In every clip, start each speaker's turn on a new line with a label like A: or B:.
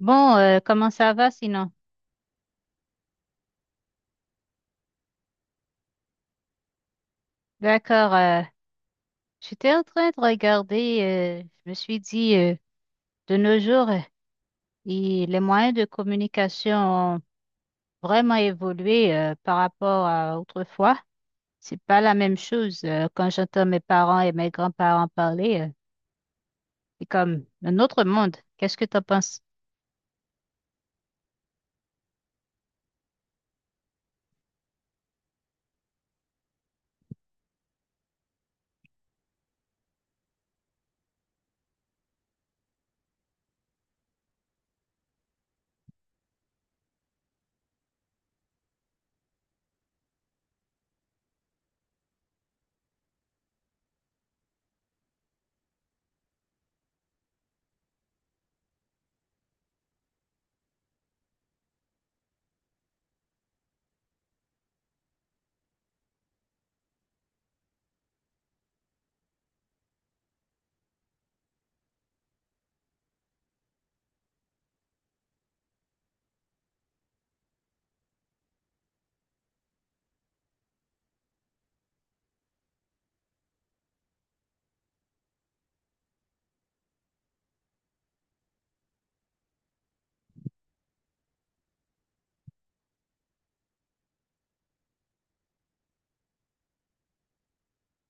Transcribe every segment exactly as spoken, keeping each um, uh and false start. A: Bon, euh, comment ça va sinon? D'accord. Euh, j'étais en train de regarder. Euh, je me suis dit, euh, de nos jours, euh, il- les moyens de communication ont vraiment évolué euh, par rapport à autrefois. C'est pas la même chose. Euh, quand j'entends mes parents et mes grands-parents parler, euh, c'est comme un autre monde. Qu'est-ce que tu en penses?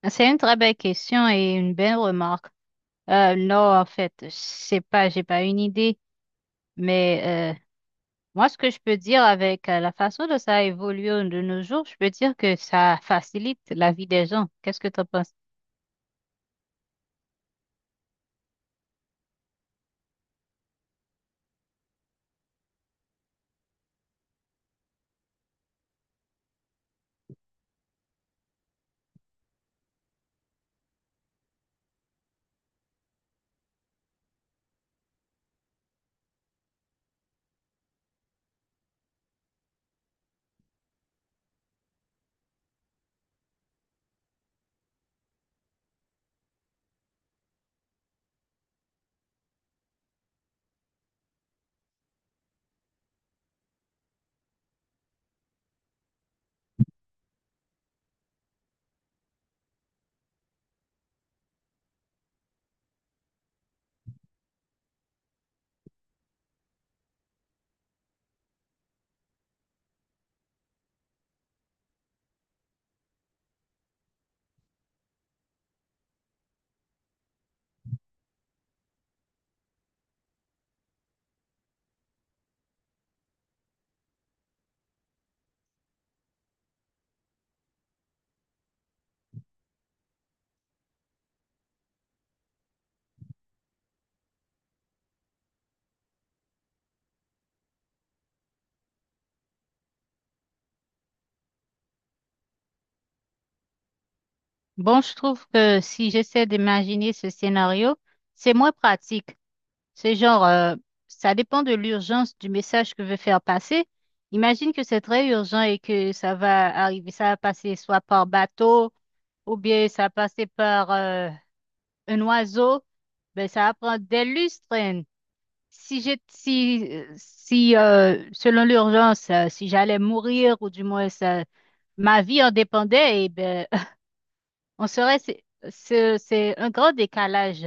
A: Ah, c'est une très belle question et une belle remarque. Euh, non, en fait, je sais pas, j'ai pas une idée, mais euh, moi, ce que je peux dire avec euh, la façon dont ça a évolué de nos jours, je peux dire que ça facilite la vie des gens. Qu'est-ce que tu en penses? Bon, je trouve que si j'essaie d'imaginer ce scénario, c'est moins pratique. C'est genre, euh, ça dépend de l'urgence du message que veut faire passer. Imagine que c'est très urgent et que ça va arriver, ça va passer soit par bateau ou bien ça va passer par euh, un oiseau. Ben, ça va prendre des lustres, hein. Si j'ai, si, euh, si euh, Selon l'urgence, euh, si j'allais mourir ou du moins ça, ma vie en dépendait, eh ben, on serait, c'est, c'est c'est un grand décalage.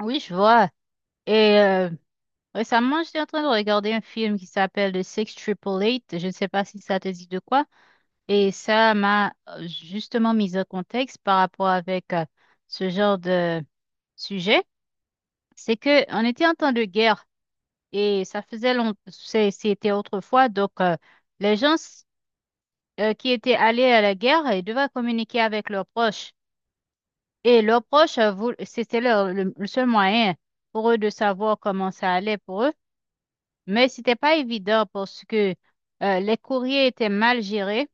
A: Oui, je vois. Et euh, récemment, j'étais en train de regarder un film qui s'appelle The Six Triple Eight. Je ne sais pas si ça te dit de quoi. Et ça m'a euh, justement mis en contexte par rapport avec euh, ce genre de sujet. C'est que on était en temps de guerre. Et ça faisait longtemps, c'était autrefois. Donc, euh, les gens euh, qui étaient allés à la guerre, ils devaient communiquer avec leurs proches. Et leurs proches, euh, voul- c'était leur- le, le seul moyen pour eux de savoir comment ça allait pour eux. Mais c'était pas évident parce que euh, les courriers étaient mal gérés.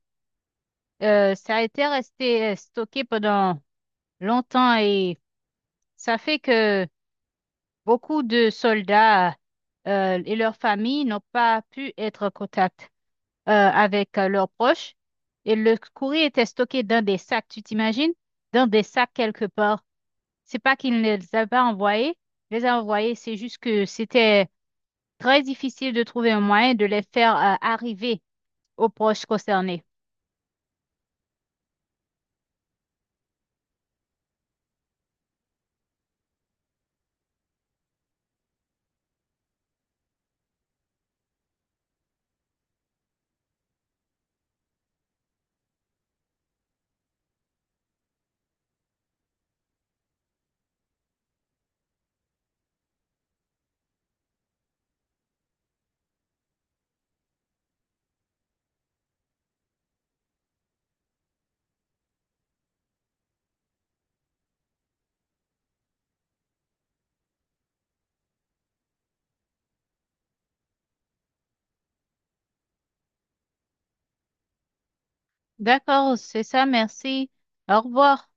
A: Euh, ça a été resté euh, stocké pendant longtemps et ça fait que beaucoup de soldats euh, et leurs familles n'ont pas pu être contactés euh, avec euh, leurs proches. Et le courrier était stocké dans des sacs, tu t'imagines? Dans des sacs quelque part. C'est pas qu'ils ne les avaient pas envoyés, ils les a envoyés, c'est juste que c'était très difficile de trouver un moyen de les faire euh, arriver aux proches concernés. D'accord, c'est ça, merci. Au revoir.